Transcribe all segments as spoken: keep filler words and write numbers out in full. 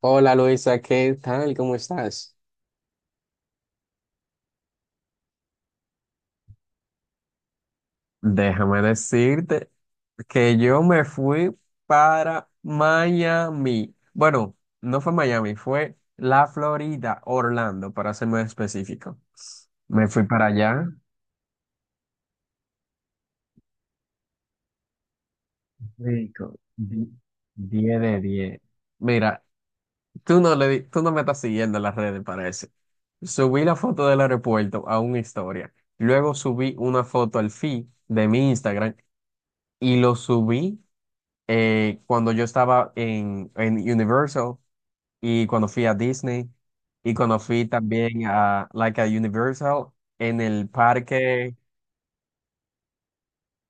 Hola Luisa, ¿qué tal? ¿Cómo estás? Déjame decirte que yo me fui para Miami. Bueno, no fue Miami, fue la Florida, Orlando, para ser más específico. Me fui para allá. Rico, di- diez de diez. Mira, tú no le, di- tú no me estás siguiendo en las redes, parece. Subí la foto del aeropuerto a una historia. Luego subí una foto al feed de mi Instagram y lo subí. Eh, cuando yo estaba en, en Universal y cuando fui a Disney y cuando fui también a, like a Universal en el parque,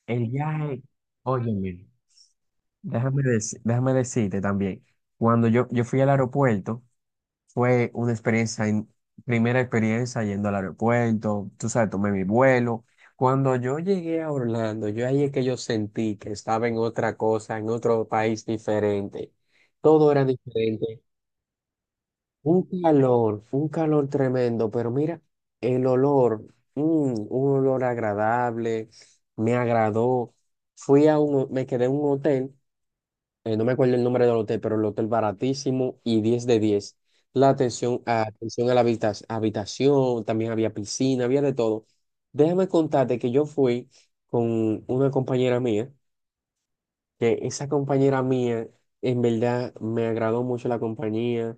el viaje, óyeme, déjame, deci- déjame decirte también, cuando yo, yo fui al aeropuerto, fue una experiencia, in- primera experiencia yendo al aeropuerto, tú sabes, tomé mi vuelo. Cuando yo llegué a Orlando, yo ahí es que yo sentí que estaba en otra cosa, en otro país diferente. Todo era diferente. Un calor, un calor tremendo, pero mira, el olor, mm, un olor agradable, me agradó. Fui a un, ho- Me quedé en un hotel, eh, no me acuerdo el nombre del hotel, pero el hotel baratísimo y diez de diez. La atención, a- atención a la habita- habitación, también había piscina, había de todo. Déjame contarte que yo fui con una compañera mía, que esa compañera mía, en verdad, me agradó mucho la compañía.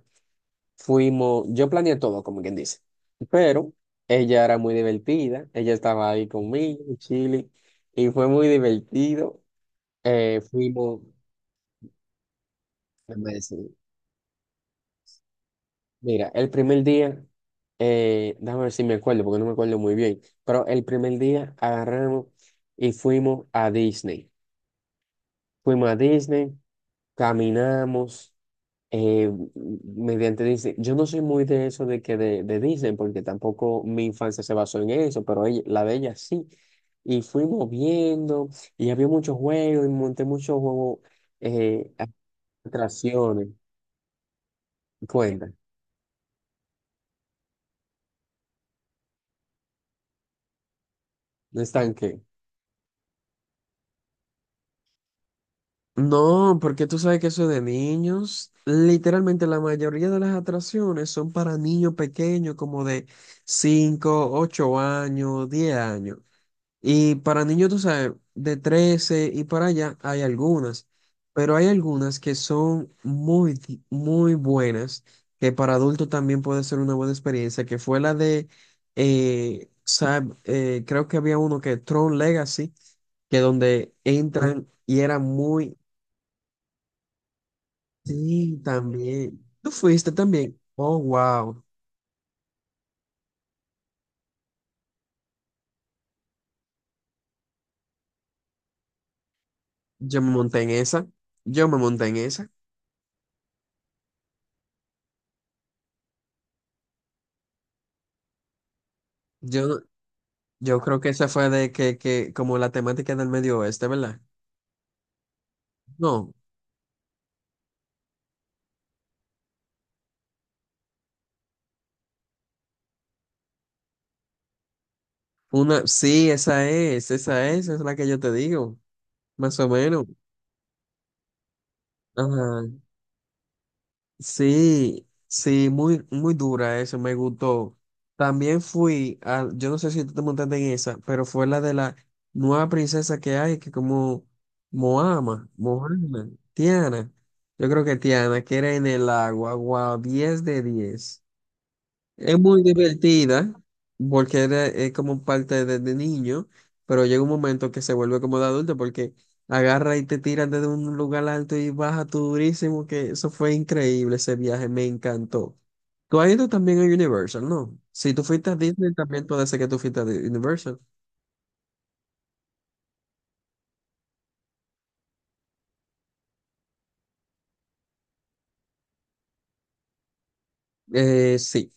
Fuimos, yo planeé todo, como quien dice, pero ella era muy divertida, ella estaba ahí conmigo, chile, y fue muy divertido. Eh, fuimos, déjame decir, mira, el primer día, eh, déjame ver si me acuerdo, porque no me acuerdo muy bien, pero el primer día agarramos y fuimos a Disney. Fuimos a Disney, caminamos, eh, mediante Disney. Yo no soy muy de eso de que de, de Disney, porque tampoco mi infancia se basó en eso, pero ella- la de ella sí. Y fuimos viendo, y había muchos juegos, y monté muchos juegos, eh, atracciones. Cuenta, ¿no están qué? No, porque tú sabes que eso es de niños, literalmente la mayoría de las atracciones son para niños pequeños, como de cinco ocho años, diez años. Y para niños, tú sabes, de trece y para allá hay algunas, pero hay algunas que son muy, di- muy buenas, que para adultos también puede ser una buena experiencia, que fue la de, eh, Sab- eh, creo que había uno que Tron Legacy, que donde entran y era muy, sí, también. ¿Tú fuiste también? Oh, wow. Yo me monté en esa, yo me monté en esa. Yo, no- Yo creo que esa fue de que, que como la temática del medio oeste, ¿verdad? No, una, sí, esa es, esa es, esa es la que yo te digo, más o menos. Ajá. Sí, sí, muy, muy dura eso, me gustó. También fui a, yo no sé si tú te montaste en esa, pero fue la de la nueva princesa que hay, que como Moama, Moana, Tiana, yo creo que Tiana, que era en el agua, wow, diez de diez. Es muy divertida porque era, es como parte desde niño, pero llega un momento que se vuelve como de adulto porque agarra y te tiran desde un lugar alto y baja tú durísimo, que eso fue increíble, ese viaje me encantó. Tú has ido también a Universal, ¿no? Si tú fuiste a Disney, también puede ser que tú fuiste a Di- Universal. Eh, sí.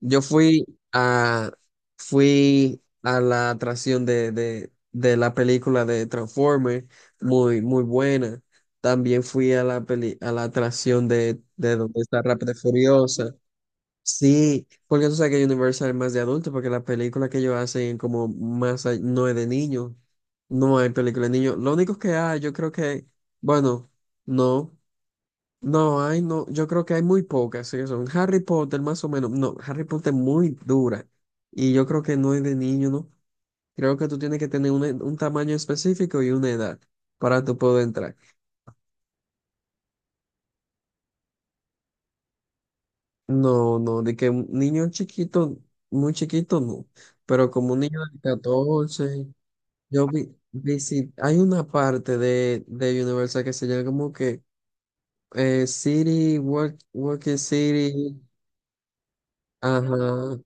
Yo fui a, fui a la atracción de, de, de la película de Transformers, muy, muy buena. También fui a la peli, a la atracción de, de donde está Rápida y Furiosa. Sí, porque tú sabes que Universal es más de adulto, porque las películas que ellos hacen como más, a- no es de niños. No hay película de niños. Lo único que hay, yo creo que, bueno, no. No, hay no, yo creo que hay muy pocas, sí, son Harry Potter más o menos. No, Harry Potter es muy dura. Y yo creo que no es de niño, ¿no? Creo que tú tienes que tener un, un tamaño específico y una edad para tú poder entrar. No, no, de que un niño chiquito, muy chiquito, no. Pero como un niño de catorce, yo vi, visit- Hay una parte de, de Universal que se llama como que eh, City, Work, Working City, ajá.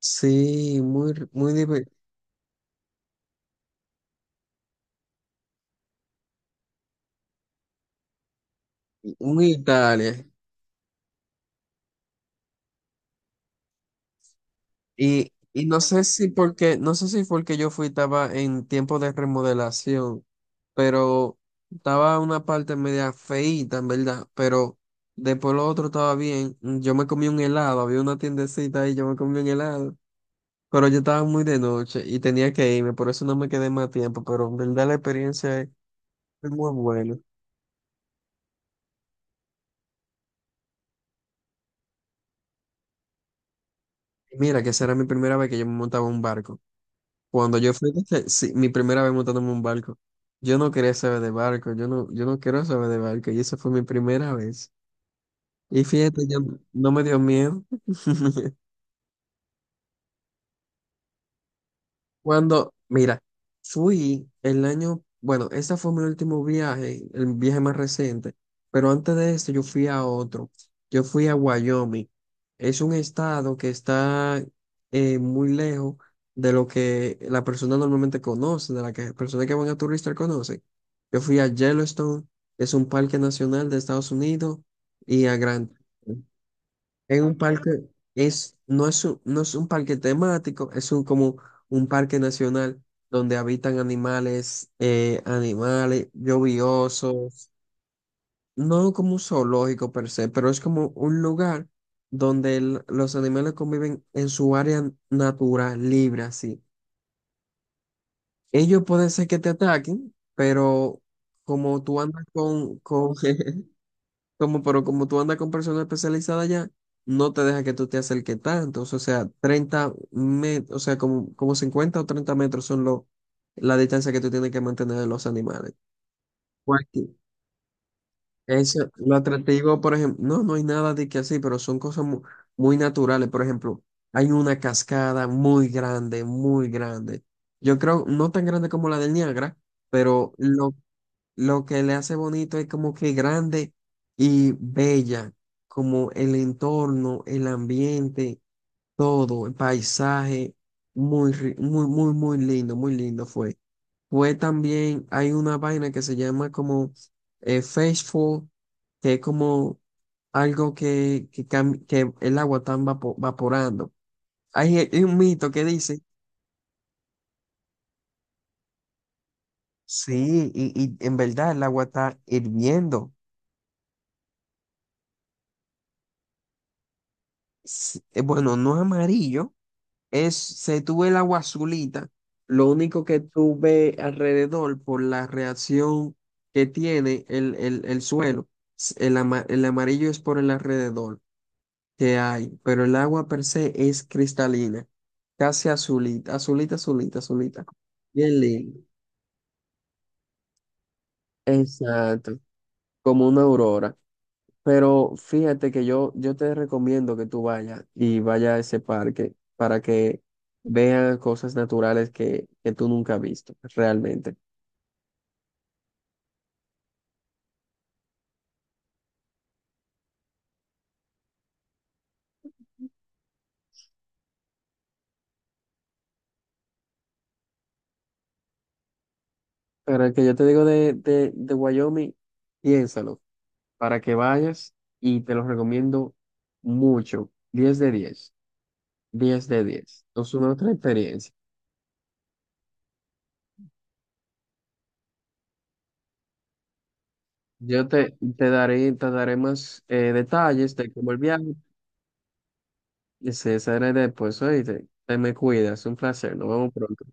Sí, muy, r- muy, diver- Un Italia. Y, y no sé si porque, no sé si fue el que yo fui, estaba en tiempo de remodelación, pero estaba una parte media feíta, en verdad, pero después lo otro estaba bien. Yo me comí un helado, había una tiendecita ahí, yo me comí un helado, pero yo estaba muy de noche y tenía que irme, por eso no me quedé más tiempo, pero en verdad la experiencia es es muy buena. Mira, que esa era mi primera vez que yo me montaba en un barco. Cuando yo fui, que- sí, mi primera vez montándome en un barco, yo no quería saber de barco, yo no, yo no quiero saber de barco, y esa fue mi primera vez. Y fíjate, yo no me dio miedo. Cuando, mira, fui el año, bueno, ese fue mi último viaje, el viaje más reciente, pero antes de esto yo fui a otro, yo fui a Wyoming. Es un estado que está eh, muy lejos de lo que la persona normalmente conoce, de la que personas que van a turistas conocen. Yo fui a Yellowstone, es un parque nacional de Estados Unidos, y a Grand. Es un parque, es, no es un, no es un parque temático, es un, como un parque nacional donde habitan animales, eh, animales yo vi osos. No como un zoológico per se, pero es como un lugar donde el- los animales conviven en su área natural, libre, así. Ellos pueden ser que te ataquen, pero como tú andas con, con, Como, pero como tú andas con personas especializadas ya, no te deja que tú te acerques tanto. O sea, treinta metros, o sea, como, como cincuenta o treinta metros son lo, la distancia que tú tienes que mantener de los animales. Cualquier- Eso, lo atractivo, por ejemplo, no, no hay nada de que así, pero son cosas mu- muy, naturales. Por ejemplo, hay una cascada muy grande, muy grande. Yo creo, no tan grande como la del Niágara, pero lo, lo que le hace bonito es como que grande y bella, como el entorno, el ambiente, todo, el paisaje, muy, ri- muy, muy, muy lindo, muy lindo fue. Fue también, hay una vaina que se llama como eh, Faithful, que es como algo que, que, cam- que el agua está vapo- vaporando. Hay, hay un mito que dice, sí, y, y en verdad el agua está hirviendo. Sí, eh, bueno, no es amarillo. Es, se tuve el agua azulita, lo único que tuve alrededor por la reacción que tiene el, el, el suelo, s- el, ama- el amarillo es por el alrededor que hay, pero el agua per se es cristalina, casi azulita, azulita, azulita, azulita. Bien lindo. Exacto, como una aurora. Pero fíjate que yo, yo te recomiendo que tú vayas y vayas a ese parque para que veas cosas naturales que, que tú nunca has visto realmente. Pero el que yo te digo de, de, de Wyoming, piénsalo, para que vayas y te lo recomiendo mucho. Diez de diez, diez de diez. Es una otra experiencia. Yo te, te daré, te daré más eh, detalles de cómo el viaje. Y se será después, oíste. Te me cuidas, un placer, nos vemos pronto.